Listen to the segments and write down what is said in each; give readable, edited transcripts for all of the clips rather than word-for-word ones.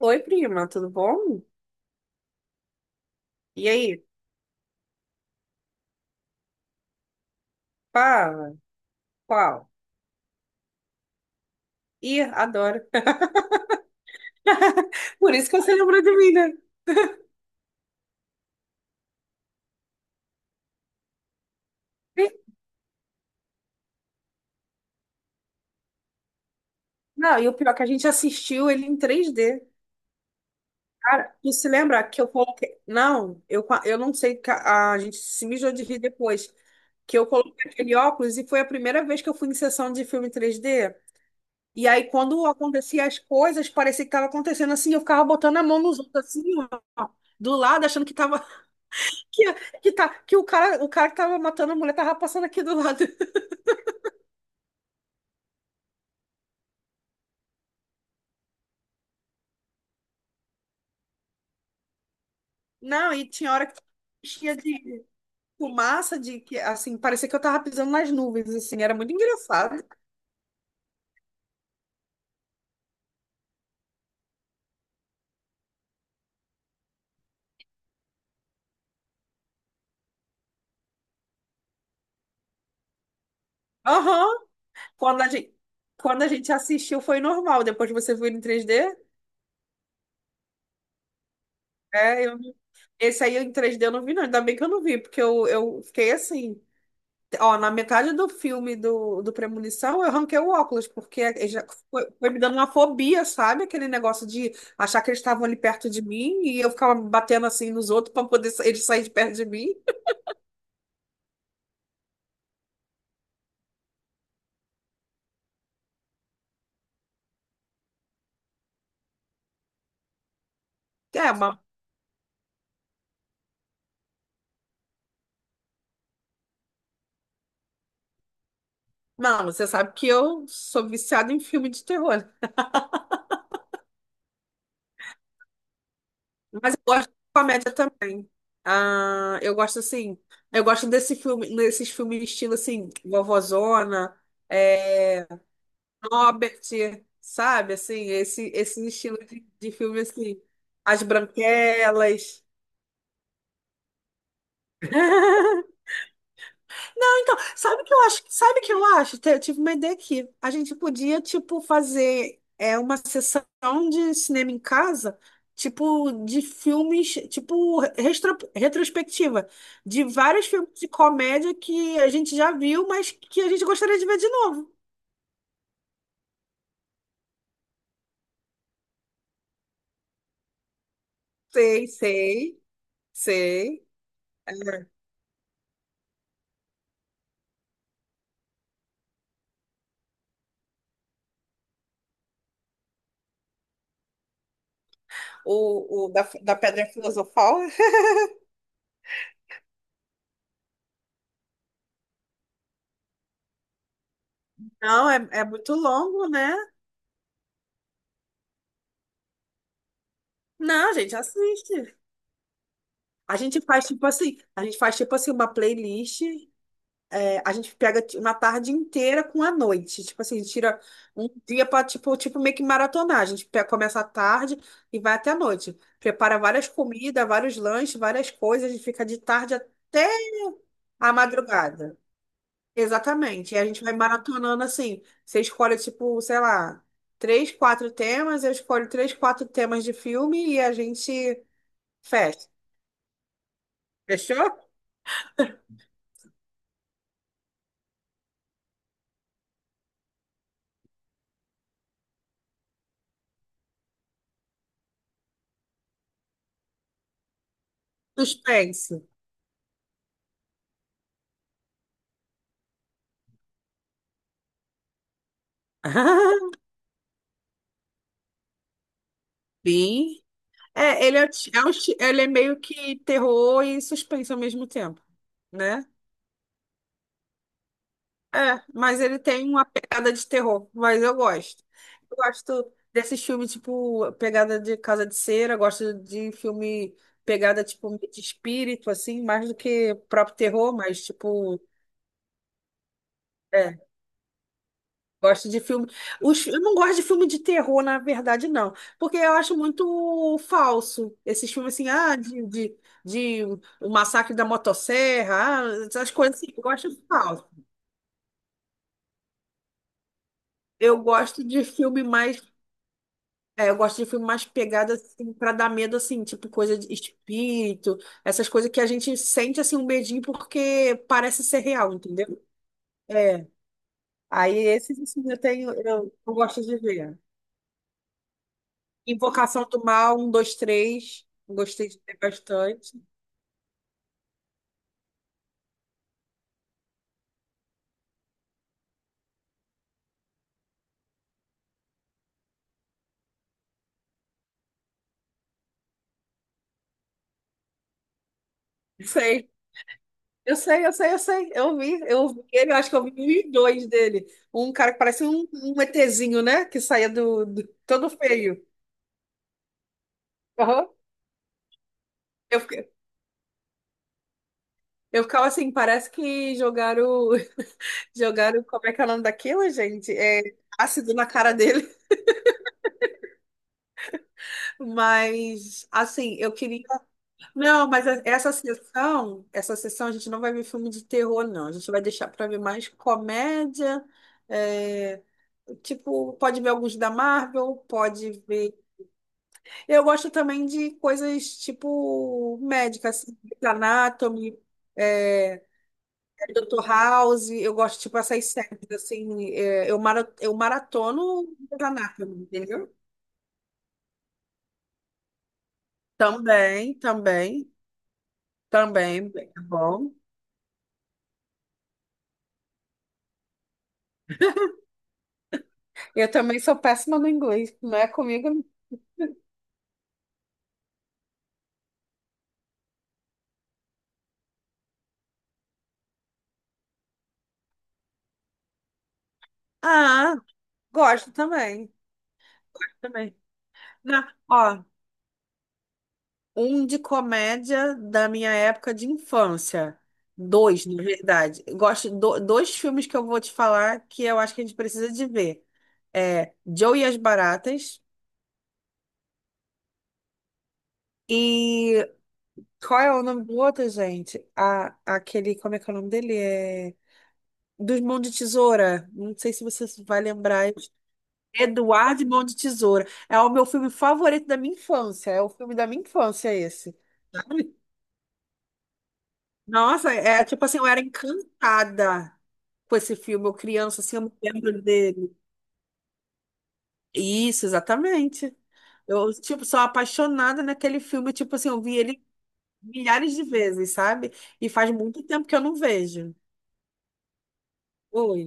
Oi, prima, tudo bom? E aí? Fala, qual? Ih, adoro. Por isso que você lembrou de mim, né? Não, e o pior é que a gente assistiu ele em 3D. Cara, tu se lembra que eu coloquei. Não, eu, eu não sei, que a gente se mijou de rir depois. Que eu coloquei aquele óculos e foi a primeira vez que eu fui em sessão de filme 3D. E aí, quando acontecia as coisas, parecia que estava acontecendo assim, eu ficava botando a mão nos outros, assim, ó, do lado, achando que estava. Que, que o cara, que tava matando a mulher tava passando aqui do lado. Não, e tinha hora que tinha de fumaça, de que, assim, parecia que eu tava pisando nas nuvens, assim, era muito engraçado. Aham. Quando a gente, quando a gente assistiu foi normal, depois você viu em 3D. É, esse aí em 3D eu não vi, não. Ainda bem que eu não vi, porque eu fiquei assim. Ó, na metade do filme do Premonição, eu arranquei o óculos, porque ele já foi me dando uma fobia, sabe? Aquele negócio de achar que eles estavam ali perto de mim e eu ficava batendo assim nos outros para poder eles saírem de perto de mim. É, mas, não, você sabe que eu sou viciada em filme de terror. Mas eu gosto de comédia também. Ah, eu gosto assim, eu gosto desse filme, desses filmes estilo assim, Vovozona, é, Robert, sabe? Assim, esse estilo de filme, assim, As Branquelas. Não, então, sabe o que eu acho? Sabe o que eu acho? Eu tive uma ideia aqui. A gente podia, tipo, fazer uma sessão de cinema em casa, tipo, de filmes, tipo, retrospectiva, de vários filmes de comédia que a gente já viu, mas que a gente gostaria de ver de novo. Sei, sei, sei. O da, da Pedra Filosofal? Não, é muito longo, né? Não, a gente assiste. A gente faz tipo assim, a gente faz tipo assim uma playlist, é, a gente pega uma tarde inteira com a noite, tipo assim, a gente tira um dia para tipo, tipo meio que maratonar. A gente começa à tarde e vai até a noite. Prepara várias comidas, vários lanches, várias coisas, a gente fica de tarde até a madrugada. Exatamente. E a gente vai maratonando assim. Você escolhe, tipo, sei lá, três, quatro temas, eu escolho três, quatro temas de filme e a gente fecha. Fechou? Suspense. Bem. É, ele é, é um, ele é meio que terror e suspense ao mesmo tempo, né? É, mas ele tem uma pegada de terror, mas eu gosto. Eu gosto desses filmes, tipo, pegada de Casa de Cera, gosto de filme pegada, tipo, de espírito, assim, mais do que próprio terror, mas, tipo, é, gosto de filme. Eu não gosto de filme de terror, na verdade, não, porque eu acho muito falso. Esses filmes, assim, ah, de o massacre da motosserra, ah, essas coisas, assim, eu gosto de falso. Eu gosto de filme mais. É, eu gosto de filme mais pegada, assim, pra dar medo, assim, tipo coisa de espírito, essas coisas que a gente sente, assim, um medinho porque parece ser real, entendeu? É. Aí esses, assim, eu tenho, eu gosto de ver. Invocação do Mal, um, dois, três. Gostei de ver bastante. Sei. Eu sei, eu sei, eu sei. Eu vi ele, eu acho que eu vi 1.002 dele. Um cara que parece um, ETzinho, né? Que saía todo feio. Aham. Eu, fiquei- eu ficava assim, parece que jogaram. Jogaram, como é que é o nome daquilo, gente? É ácido na cara dele. Mas, assim, eu queria. Não, mas essa sessão a gente não vai ver filme de terror, não. A gente vai deixar para ver mais comédia. é, Tipo, pode ver alguns da Marvel, pode ver. Eu gosto também de coisas tipo médicas, assim, Grey's Anatomy, é, Dr. House. Eu gosto, tipo, essas séries, assim, eu maratono Grey's Anatomy, entendeu? Também, também, também, bem bom. Eu também sou péssima no inglês, não é comigo? Não. Ah, gosto também, também. Não, ó, um de comédia da minha época de infância. Dois, na verdade. Eu gosto dois filmes que eu vou te falar que eu acho que a gente precisa de ver. É Joe e as Baratas e qual é o nome do outro, gente? Aquele, como é que é o nome dele? É dos Mãos de Tesoura. Não sei se você vai lembrar. Eduardo e Mão de Tesoura. É o meu filme favorito da minha infância. É o filme da minha infância esse. Sabe? Nossa, tipo assim, eu era encantada com esse filme. Eu criança, assim, eu me lembro dele. Isso, exatamente. Eu, tipo, sou apaixonada naquele filme. Tipo assim, eu vi ele milhares de vezes, sabe? E faz muito tempo que eu não vejo. Oi.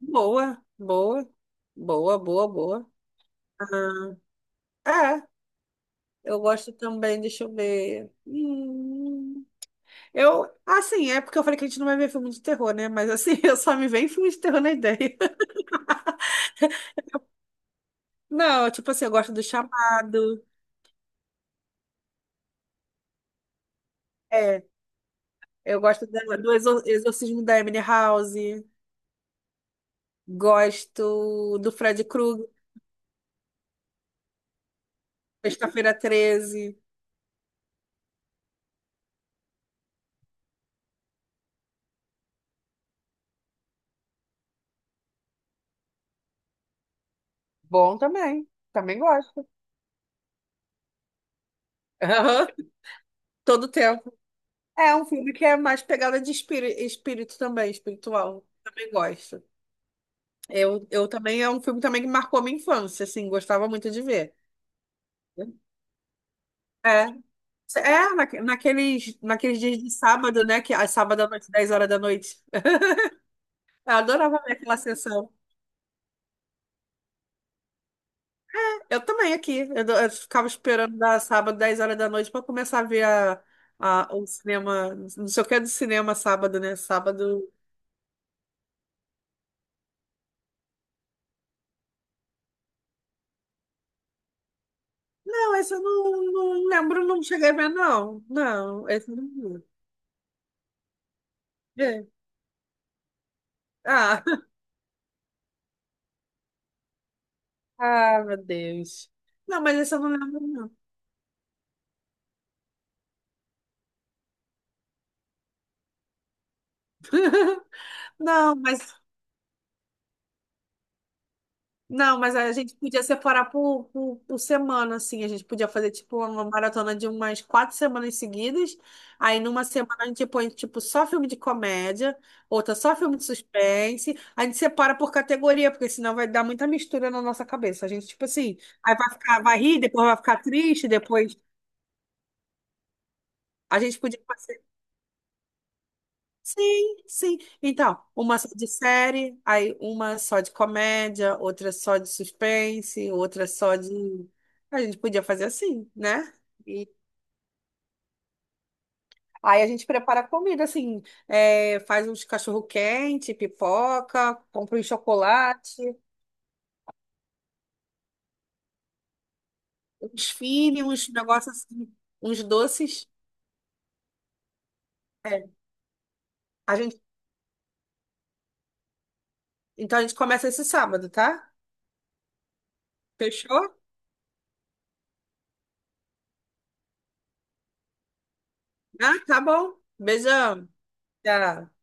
Boa, boa, boa, boa, boa. Aham. É, eu gosto também, deixa eu ver. Hum. Eu, assim, é porque eu falei que a gente não vai ver filme de terror, né? Mas assim, eu só me vem filme de terror na ideia. Não, tipo assim, eu gosto do Chamado. É, eu gosto do Exorcismo da Emily House. Gosto do Fred Krueger, Sexta-feira Treze. Bom também. Também gosto. Aham. Todo tempo. É um filme que é mais pegada de espírito, espírito também, espiritual. Também gosto. Eu também, é um filme também que marcou minha infância, assim, gostava muito de ver. é É, naqueles dias de sábado, né? Que a sábado à noite, 10 horas da noite. Eu adorava ver aquela sessão. Eu também aqui. Eu ficava esperando da sábado, 10 horas da noite, para começar a ver a, o cinema. Não sei o que é do cinema sábado, né? Sábado. Não, esse eu não lembro, não cheguei a ver, não. Não, esse eu não vi. É. Ah, ah, meu Deus. Não, mas esse eu não lembro, não. Não, mas. Não, mas a gente podia separar por semana, assim. A gente podia fazer, tipo, uma maratona de umas 4 semanas seguidas. Aí, numa semana, a gente põe, tipo, só filme de comédia, outra só filme de suspense. A gente separa por categoria, porque senão vai dar muita mistura na nossa cabeça. A gente, tipo assim, aí vai ficar, vai rir, depois vai ficar triste, depois a gente podia fazer. Sim, sim. Então, uma só de série, aí uma só de comédia, outra só de suspense, outra só de. A gente podia fazer assim, né? E aí a gente prepara a comida, assim, é, faz uns cachorro-quente, pipoca, compra um chocolate, uns filhos, uns negócios assim, uns doces. É. A gente... Então a gente começa esse sábado, tá? Fechou? Ah, tá bom. Beijão. Tchau.